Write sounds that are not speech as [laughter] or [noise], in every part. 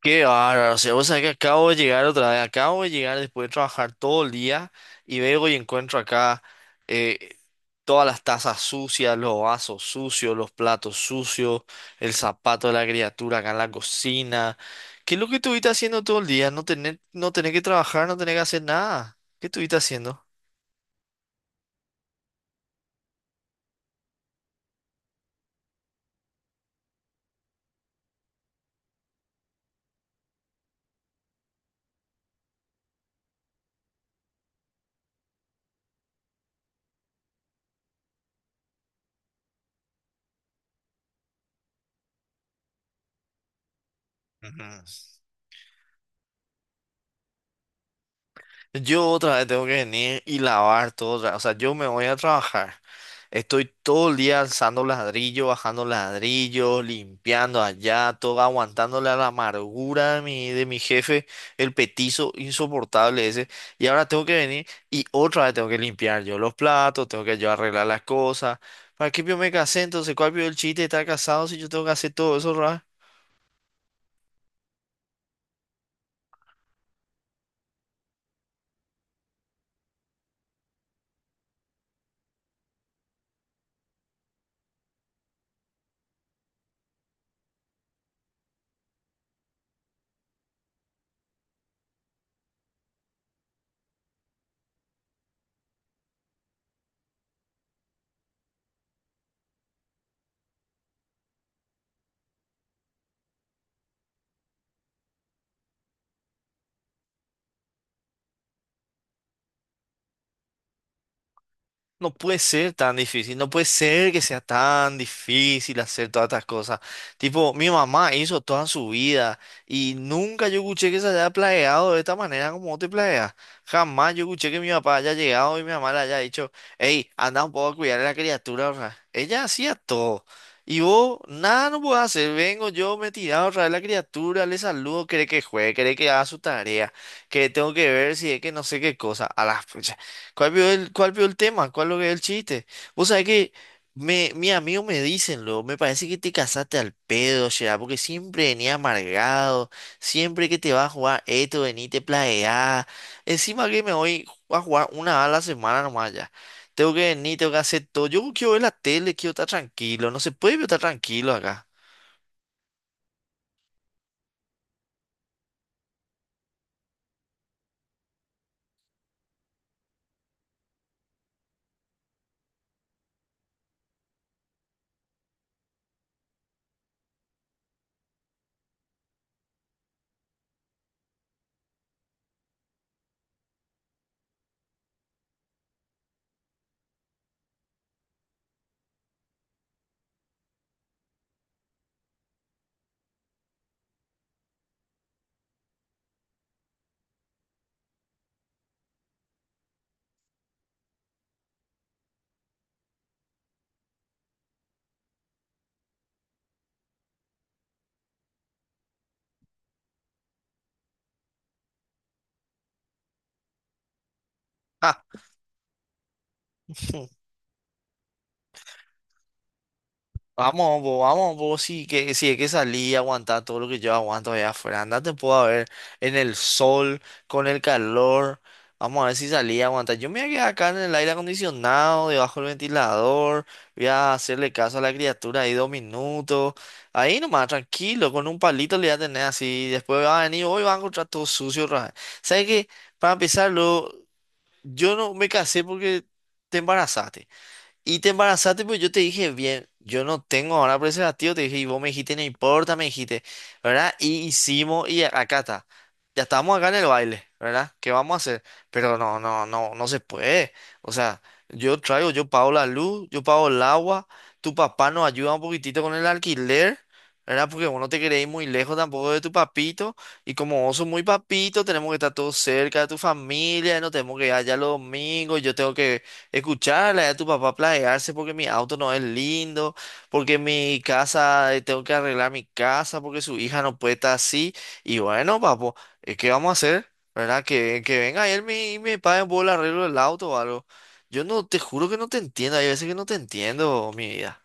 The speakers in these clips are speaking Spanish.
Qué bárbaro, o sea, vos sabés que acabo de llegar otra vez, acabo de llegar después de trabajar todo el día y veo y encuentro acá, eh, todas las tazas sucias, los vasos sucios, los platos sucios, el zapato de la criatura acá en la cocina. ¿Qué es lo que estuviste haciendo todo el día? No tener que trabajar, no tener que hacer nada. ¿Qué estuviste haciendo? Ujú. Yo otra vez tengo que venir y lavar todo otra vez. O sea, yo me voy a trabajar. Estoy todo el día alzando ladrillos, bajando ladrillos, limpiando allá, todo aguantándole a la amargura de mi jefe, el petizo insoportable ese. Y ahora tengo que venir y otra vez tengo que limpiar yo los platos, tengo que yo arreglar las cosas. ¿Para qué yo me casé entonces? ¿Cuál vio el chiste de estar casado si yo tengo que hacer todo eso? No puede ser tan difícil, no puede ser que sea tan difícil hacer todas estas cosas. Tipo, mi mamá hizo toda su vida y nunca yo escuché que se haya planeado de esta manera como vos te planeas. Jamás yo escuché que mi papá haya llegado y mi mamá le haya dicho, hey, anda un poco a cuidar a la criatura. O sea, ella hacía todo. Y vos, nada no puedo hacer. Vengo yo, me he tirado a la criatura, le saludo, quiere que juegue, quiere que haga su tarea, que tengo que ver si es que no sé qué cosa. A la pucha. ¿Cuál vio el tema? ¿Cuál lo que es el chiste? Vos sabés que mi amigo me dicen, luego, me parece que te casaste al pedo, ya, porque siempre venía amargado, siempre que te vas a jugar esto, vení, te plagueás. Encima que me voy a jugar una vez a la semana nomás ya. Tengo que venir, tengo que hacer todo. Yo quiero ver la tele, quiero estar tranquilo, no se puede estar tranquilo acá. [laughs] Ah. Vamos, vos, si, que, si es que salí y aguantar todo lo que yo aguanto allá afuera. Andate, puedo a ver en el sol, con el calor. Vamos a ver si salí a aguantar. Yo me voy a quedar acá en el aire acondicionado, debajo del ventilador. Voy a hacerle caso a la criatura ahí 2 minutos. Ahí nomás, tranquilo, con un palito le voy a tener así. Después va a venir, hoy va a encontrar todo sucio otra vez. ¿Sabes qué? Para empezarlo, yo no me casé porque te embarazaste. Y te embarazaste, pues yo te dije, bien, yo no tengo ahora preservativo, te dije, y vos me dijiste, no importa, me dijiste, ¿verdad? Y hicimos, y acá está, ya estamos acá en el baile, ¿verdad? ¿Qué vamos a hacer? Pero no se puede. O sea, yo traigo, yo pago la luz, yo pago el agua, tu papá nos ayuda un poquitito con el alquiler, ¿verdad? Porque vos no te querés ir muy lejos tampoco de tu papito, y como vos sos muy papito, tenemos que estar todos cerca de tu familia, no tenemos que ir allá los domingos, yo tengo que escucharle a tu papá planearse porque mi auto no es lindo, porque mi casa, tengo que arreglar mi casa, porque su hija no puede estar así. Y bueno, papo, ¿qué vamos a hacer? ¿Verdad? Que venga él me- y me pague por el arreglo del auto o algo. Yo no, te juro que no te entiendo, hay veces que no te entiendo, mi vida.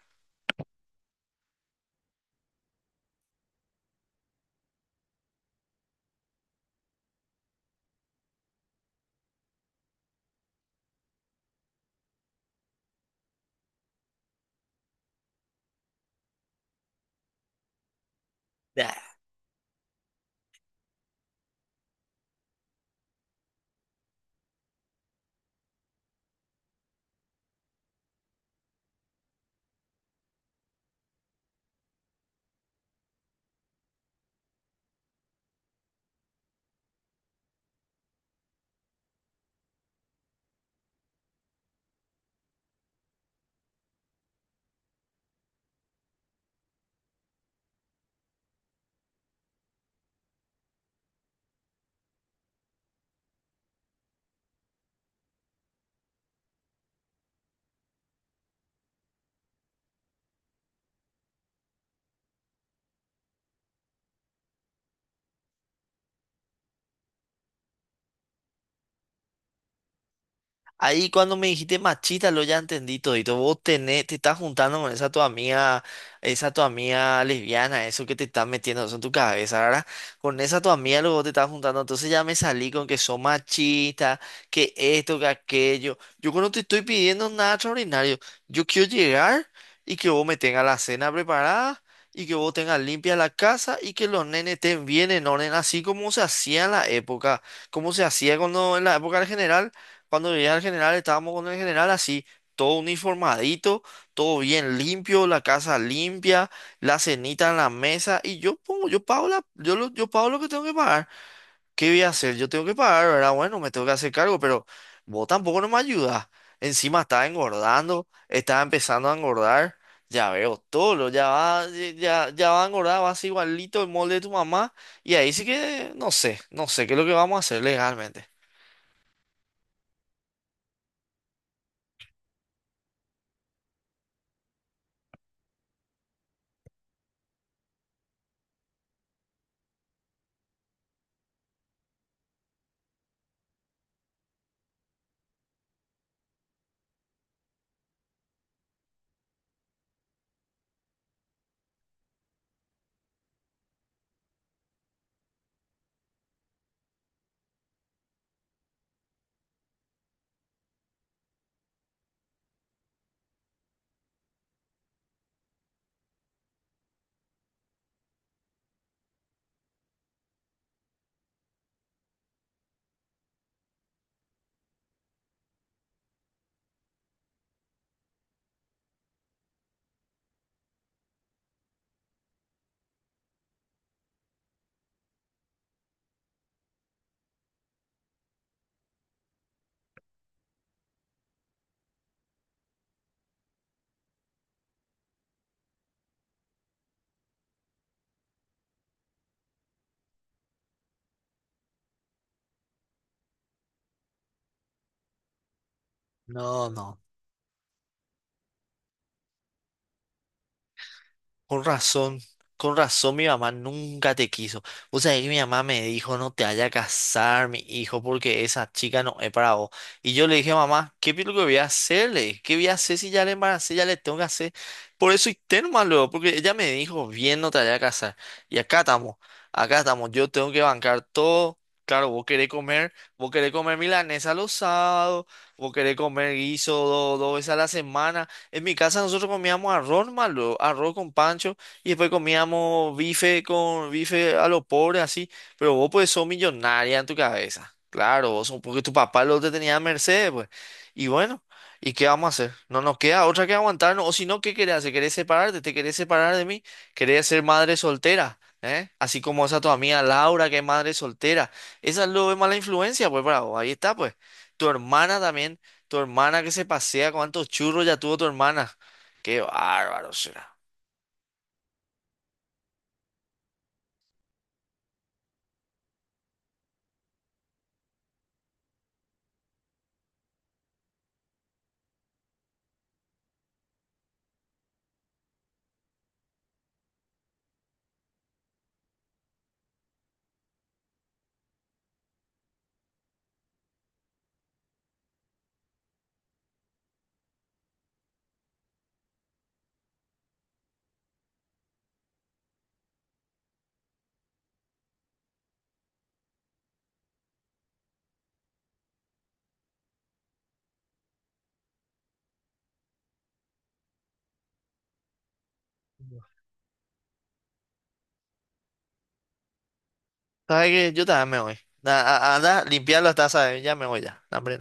Ahí cuando me dijiste machista, lo ya entendí todito. Vos tenés, te estás juntando con esa tu amiga lesbiana, eso que te estás metiendo eso en tu cabeza, ¿verdad? Con esa tu amiga luego te estás juntando. Entonces ya me salí con que son machistas, que esto, que aquello. Yo no te estoy pidiendo nada extraordinario. Yo quiero llegar y que vos me tengas la cena preparada. Y que vos tengas limpia la casa y que los nenes estén bien en orden, así como se hacía en la época, como se hacía cuando en la época del general, cuando llegué al general, estábamos con el general así, todo uniformadito, todo bien limpio, la casa limpia, la cenita en la mesa, y yo pongo, yo pago la, yo lo, yo pago lo que tengo que pagar. ¿Qué voy a hacer? Yo tengo que pagar, ¿verdad? Bueno, me tengo que hacer cargo, pero vos tampoco no me ayudas. Encima estaba engordando, estaba empezando a engordar. Ya veo todo, lo- ya va, ya va a engordar, va a ser igualito el molde de tu mamá. Y ahí sí que no sé, no sé qué es lo que vamos a hacer legalmente. No, no. Con razón, con razón mi mamá nunca te quiso. O sea, que mi mamá me dijo, no te vayas a casar, mi hijo, porque esa chica no es para vos. Y yo le dije, mamá, ¿qué es lo que voy a hacerle? ¿Qué voy a hacer si ya le embaracé, ya le tengo que hacer? Por eso hice nomás luego, porque ella me dijo, bien, no te vayas a casar. Y acá estamos, yo tengo que bancar todo. Claro, vos querés comer milanesa los sábados, vos querés comer guiso do- 2 veces a la semana. En mi casa nosotros comíamos arroz malo, arroz con pancho, y después comíamos bife con bife a lo pobre, así. Pero vos pues sos millonaria en tu cabeza. Claro, vos sos- porque tu papá lo te tenía a merced, pues. Y bueno, ¿y qué vamos a hacer? No nos queda otra que aguantarnos. O si no, ¿qué querés hacer? ¿Querés separarte? ¿Te querés separar de mí? ¿Querés ser madre soltera? ¿Eh? Así como esa tu amiga Laura, que es madre soltera. Esa es lo de mala influencia, pues, bravo. Ahí está, pues. Tu hermana también. Tu hermana que se pasea, cuántos churros ya tuvo tu hermana. Qué bárbaro será. ¿Sabes qué? Yo también me voy. Na- a- Anda, limpiar las tazas, ya me voy ya. Hambre.